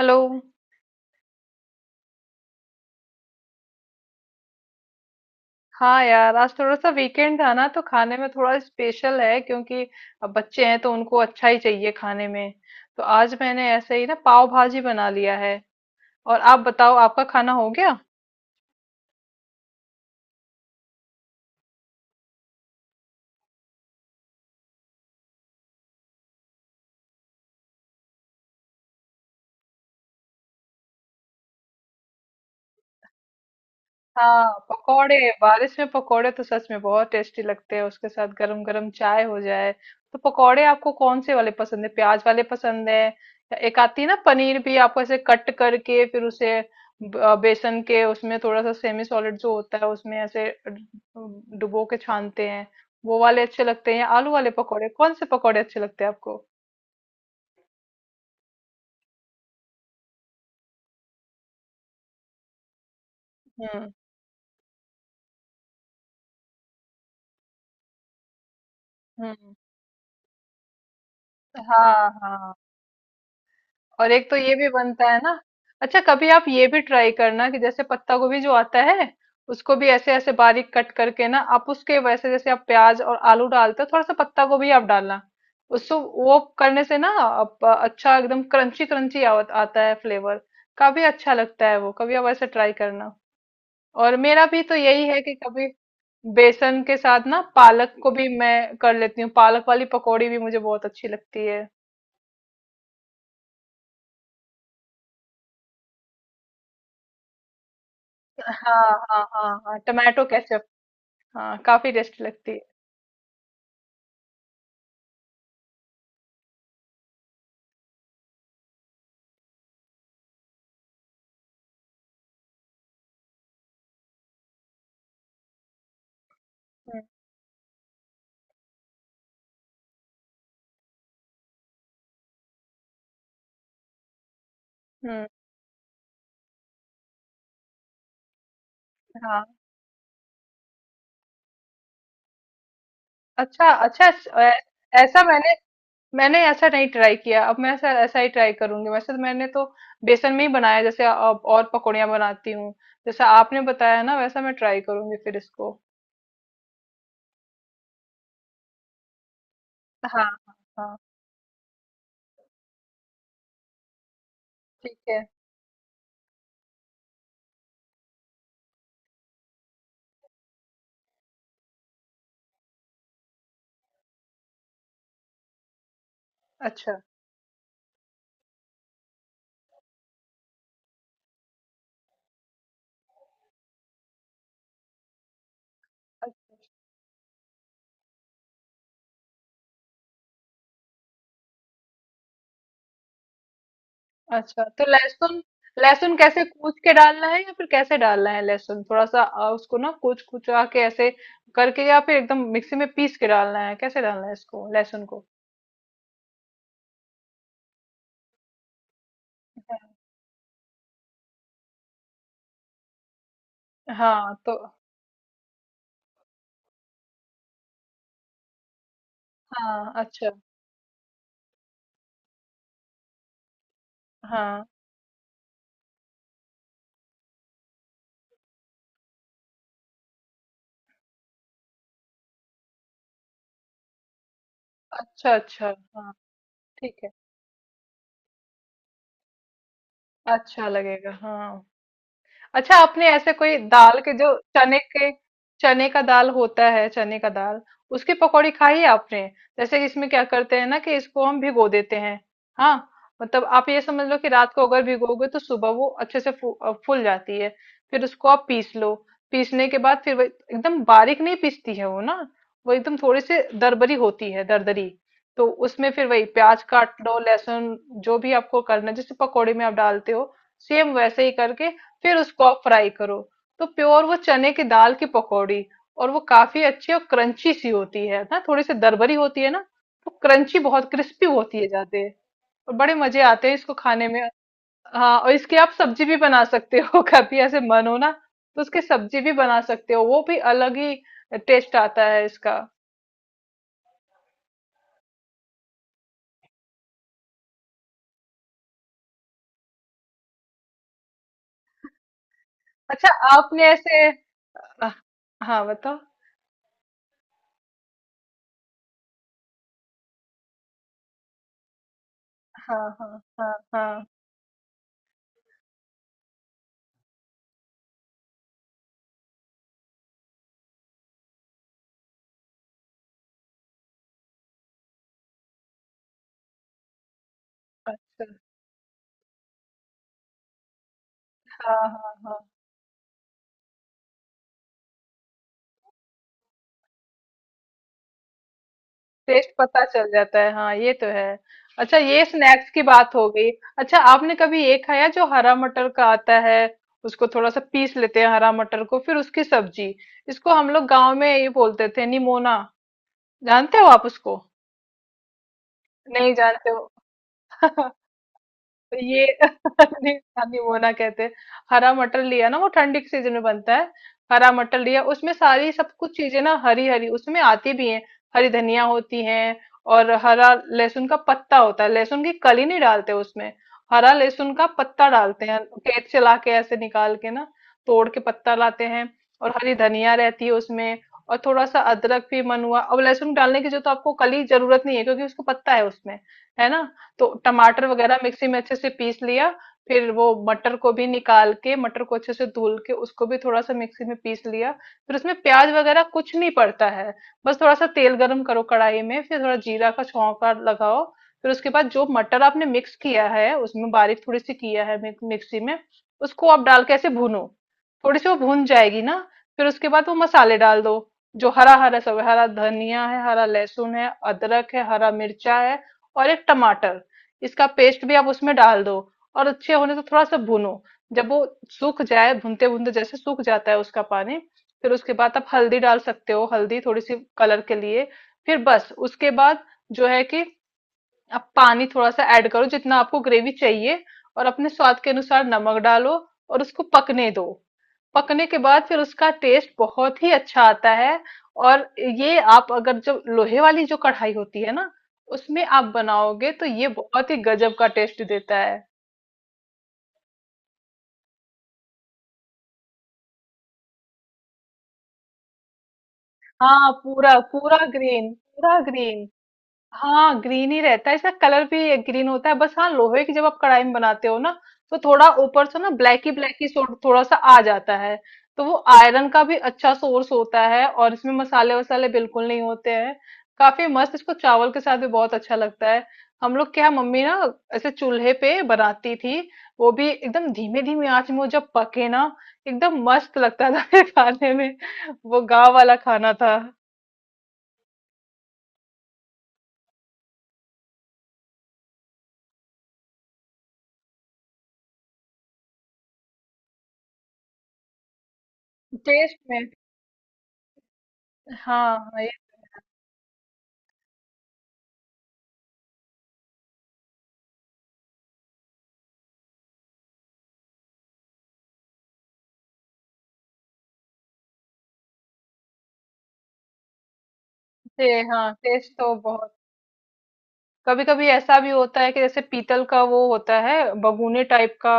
Hello. हाँ यार, आज थोड़ा सा वीकेंड था ना, तो खाने में थोड़ा स्पेशल है क्योंकि अब बच्चे हैं तो उनको अच्छा ही चाहिए खाने में। तो आज मैंने ऐसे ही ना पाव भाजी बना लिया है। और आप बताओ, आपका खाना हो गया। हाँ, पकोड़े, बारिश में पकोड़े तो सच में बहुत टेस्टी लगते हैं, उसके साथ गरम गरम चाय हो जाए। तो पकोड़े आपको कौन से वाले पसंद है, प्याज वाले पसंद है या एक आती है ना पनीर भी, आपको ऐसे कट करके फिर उसे बेसन के, उसमें थोड़ा सा सेमी सॉलिड जो होता है उसमें ऐसे डुबो के छानते हैं, वो वाले अच्छे लगते हैं या आलू वाले पकोड़े, कौन से पकोड़े अच्छे लगते हैं आपको। हम्म। हम्म। हाँ हाँ। और एक तो ये भी बनता है ना। अच्छा, कभी आप ये भी ट्राई करना कि जैसे पत्ता गोभी जो आता है उसको भी ऐसे ऐसे बारीक कट करके ना आप, उसके वैसे जैसे आप प्याज और आलू डालते हो, थोड़ा सा पत्ता गोभी आप डालना। उसको वो करने से ना आप, अच्छा एकदम क्रंची क्रंची आता है फ्लेवर, काफी अच्छा लगता है वो, कभी आप ऐसे ट्राई करना। और मेरा भी तो यही है कि कभी बेसन के साथ ना पालक को भी मैं कर लेती हूँ, पालक वाली पकौड़ी भी मुझे बहुत अच्छी लगती है। हाँ हाँ। हाँ हाँ, टमाटो केचप। हाँ, काफी टेस्टी लगती है। हम्म। हम्म, हाँ। अच्छा अच्छा। ऐ- ऐसा मैंने मैंने ऐसा नहीं ट्राई किया। अब मैं ऐसा, ऐसा ही ट्राई करूंगी। वैसे तो मैंने तो बेसन में ही बनाया, जैसे अब और पकौड़ियाँ बनाती हूँ। जैसा आपने बताया ना वैसा मैं ट्राई करूंगी फिर इसको। हाँ हाँ हाँ, ठीक है। अच्छा। अ- अच्छा, तो लहसुन, लहसुन कैसे कूच के डालना है या फिर कैसे डालना है लहसुन, थोड़ा सा उसको ना कूच कुचा के ऐसे करके, या फिर एकदम मिक्सी में पीस के डालना है, कैसे डालना है इसको लहसुन को। हाँ तो। हाँ, अच्छा। हाँ। अच्छा अच्छा। हाँ, ठीक है। अच्छा लगेगा, हाँ। अच्छा, आपने ऐसे कोई दाल के, जो चने के, चने का दाल होता है, चने का दाल, उसकी पकौड़ी खाई है आपने। जैसे इसमें क्या करते हैं ना कि इसको हम भिगो देते हैं। हाँ, मतलब आप ये समझ लो कि रात को अगर भिगोगे तो सुबह वो अच्छे से फूल जाती है। फिर उसको आप पीस लो। पीसने के बाद फिर वो एकदम बारीक नहीं पीसती है वो ना, वो एकदम थोड़ी सी दरबरी होती है, दरदरी। तो उसमें फिर वही प्याज काट लो, लहसुन, जो भी आपको करना है, जैसे पकौड़े में आप डालते हो, सेम वैसे ही करके फिर उसको आप फ्राई करो। तो प्योर वो चने की दाल की पकौड़ी, और वो काफी अच्छी और क्रंची सी होती है ना, थोड़ी सी दरबरी होती है ना, तो क्रंची बहुत क्रिस्पी होती है, जाते हैं। और बड़े मजे आते हैं इसको खाने में। हाँ, और इसकी आप सब्जी भी बना सकते हो कभी ऐसे मन हो ना, तो उसकी सब्जी भी बना सकते हो, वो भी अलग ही टेस्ट आता है इसका। अच्छा, आपने ऐसे। हाँ हाँ, बताओ। हाँ हाँ हाँ हाँ। अच्छा। हाँ हाँ हाँ, टेस्ट पता चल जाता है, हाँ, ये तो है। अच्छा, ये स्नैक्स की बात हो गई। अच्छा, आपने कभी ये खाया जो हरा मटर का आता है, उसको थोड़ा सा पीस लेते हैं हरा मटर को, फिर उसकी सब्जी, इसको हम लोग गांव में ये बोलते थे निमोना, जानते हो आप उसको। नहीं जानते हो। तो ये नहीं नहीं, वो ना कहते हैं। हरा मटर लिया ना, वो ठंडी के सीजन में बनता है। हरा मटर लिया, उसमें सारी सब कुछ चीजें ना हरी हरी उसमें आती भी हैं। हरी धनिया होती है, और हरा लहसुन का पत्ता होता है, लहसुन की कली नहीं डालते उसमें, हरा लहसुन का पत्ता डालते हैं। खेत से लाके ऐसे निकाल के ना, तोड़ के पत्ता लाते हैं। और हरी धनिया रहती है उसमें। और थोड़ा सा अदरक, भी मन हुआ अब। लहसुन डालने की जो, तो आपको कली जरूरत नहीं है, क्योंकि उसको पत्ता है उसमें, है ना। तो टमाटर वगैरह मिक्सी में अच्छे से पीस लिया। फिर वो मटर को भी निकाल के, मटर को अच्छे से धुल के, उसको भी थोड़ा सा मिक्सी में पीस लिया। फिर उसमें प्याज वगैरह कुछ नहीं पड़ता है। बस थोड़ा सा तेल गरम करो कढ़ाई में, फिर थोड़ा जीरा का छौंका लगाओ, फिर उसके बाद जो मटर आपने मिक्स किया है, उसमें बारीक थोड़ी सी किया है मिक्सी में, उसको आप डाल के ऐसे भूनो। थोड़ी सी वो भून जाएगी ना, फिर उसके बाद वो मसाले डाल दो, जो हरा हरा सब, हरा धनिया है, हरा लहसुन है, अदरक है, हरा मिर्चा है, और एक टमाटर, इसका पेस्ट भी आप उसमें डाल दो। और अच्छे होने से थोड़ा सा भूनो। जब वो सूख जाए, भूनते भूनते जैसे सूख जाता है उसका पानी, फिर उसके बाद आप हल्दी डाल सकते हो, हल्दी थोड़ी सी कलर के लिए। फिर बस उसके बाद जो है कि आप पानी थोड़ा सा ऐड करो, जितना आपको ग्रेवी चाहिए, और अपने स्वाद के अनुसार नमक डालो, और उसको पकने दो। पकने के बाद फिर उसका टेस्ट बहुत ही अच्छा आता है। और ये आप अगर जो लोहे वाली जो कढ़ाई होती है ना, उसमें आप बनाओगे तो ये बहुत ही गजब का टेस्ट देता है। हाँ पूरा, पूरा ग्रीन, पूरा ग्रीन, हाँ ग्रीन ही रहता है, इसका कलर भी ग्रीन होता है। बस हाँ, लोहे की जब आप कढ़ाई में बनाते हो ना, तो थोड़ा ऊपर से ना ब्लैक ही थोड़ा सा आ जाता है। तो वो आयरन का भी अच्छा सोर्स होता है, और इसमें मसाले वसाले बिल्कुल नहीं होते हैं। काफी मस्त, इसको चावल के साथ भी बहुत अच्छा लगता है। हम लोग क्या, मम्मी ना ऐसे चूल्हे पे बनाती थी, वो भी एकदम धीमे धीमे आंच में वो जब पके ना, एकदम मस्त लगता था खाने में। वो गाँव वाला खाना था। टेस्ट में, हाँ, जी हाँ, टेस्ट तो बहुत। कभी कभी ऐसा भी होता है कि जैसे पीतल का वो होता है, बगुने टाइप का,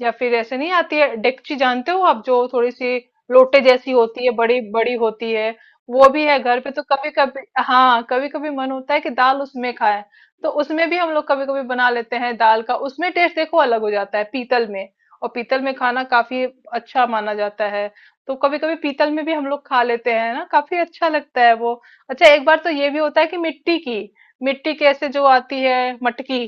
या फिर ऐसे नहीं आती है डेकची, जानते हो आप, जो थोड़ी सी लोटे जैसी होती है, बड़ी बड़ी होती है। वो भी है घर पे, तो कभी कभी, हाँ, कभी कभी मन होता है कि दाल उसमें खाएं। तो उसमें भी हम लोग कभी कभी बना लेते हैं दाल का, उसमें टेस्ट देखो अलग हो जाता है, पीतल में। और पीतल में खाना काफी अच्छा माना जाता है, तो कभी कभी पीतल में भी हम लोग खा लेते हैं ना, काफी अच्छा लगता है वो। अच्छा एक बार तो ये भी होता है कि मिट्टी की, मिट्टी कैसे जो आती है मटकी,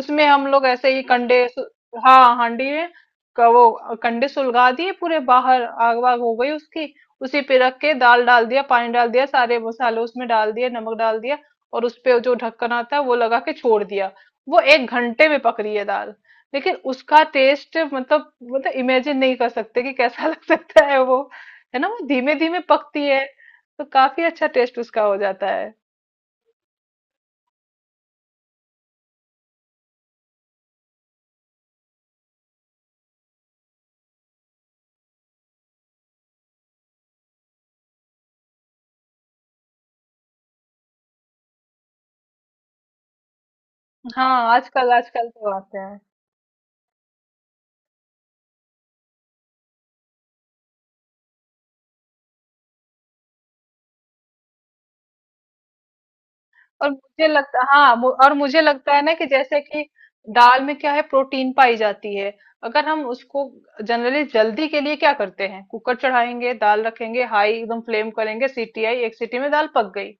उसमें हम लोग ऐसे ही हाँ, हांडी में, वो कंडे सुलगा दिए पूरे, बाहर आग वाग हो गई उसकी, उसी पे रख के दाल डाल दिया, पानी डाल दिया, सारे मसाले उसमें डाल दिए, नमक डाल दिया, और उस पे जो ढक्कन आता है वो लगा के छोड़ दिया। वो एक घंटे में पक रही है दाल। लेकिन उसका टेस्ट, मतलब इमेजिन नहीं कर सकते कि कैसा लग सकता है वो, है ना, वो धीमे धीमे पकती है। तो काफी अच्छा टेस्ट उसका हो जाता है। हाँ, आजकल, आजकल तो आते हैं। और मुझे लगता हाँ मु, और मुझे लगता है ना कि जैसे कि दाल में क्या है, प्रोटीन पाई जाती है। अगर हम उसको जनरली जल्दी के लिए क्या करते हैं, कुकर चढ़ाएंगे, दाल रखेंगे, हाई एकदम फ्लेम करेंगे, सीटी आई, एक सीटी में दाल पक गई।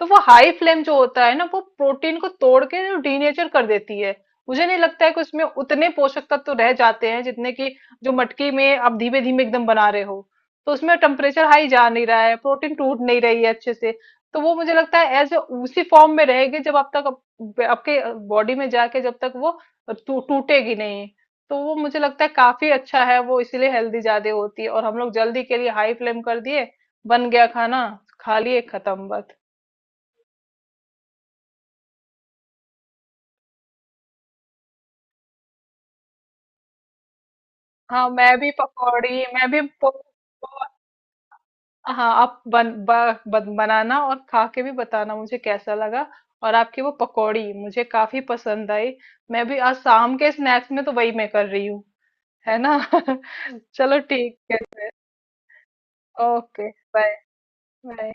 तो वो हाई फ्लेम जो होता है ना, वो प्रोटीन को तोड़ के डीनेचर कर देती है। मुझे नहीं लगता है कि उसमें उतने पोषक तत्व तो रह जाते हैं जितने कि जो मटकी में आप धीमे धीमे एकदम बना रहे हो। तो उसमें टेम्परेचर हाई जा नहीं रहा है, प्रोटीन टूट नहीं रही है अच्छे से, तो वो मुझे लगता है एज उसी फॉर्म में रहेगी, जब आप तक, आपके बॉडी में जाके जब तक वो टूटेगी नहीं। तो वो मुझे लगता है काफी अच्छा है वो, इसीलिए हेल्दी ज्यादा होती है। और हम लोग जल्दी के लिए हाई फ्लेम कर दिए, बन गया खाना, खा लिए, खत्म बात। हाँ, मैं भी पकौड़ी, मैं भी पो, पो, हाँ, आप बनाना, और खा के भी बताना मुझे कैसा लगा। और आपकी वो पकौड़ी मुझे काफी पसंद आई, मैं भी आज शाम के स्नैक्स में तो वही मैं कर रही हूँ, है ना। चलो ठीक है। Okay, bye. बाय।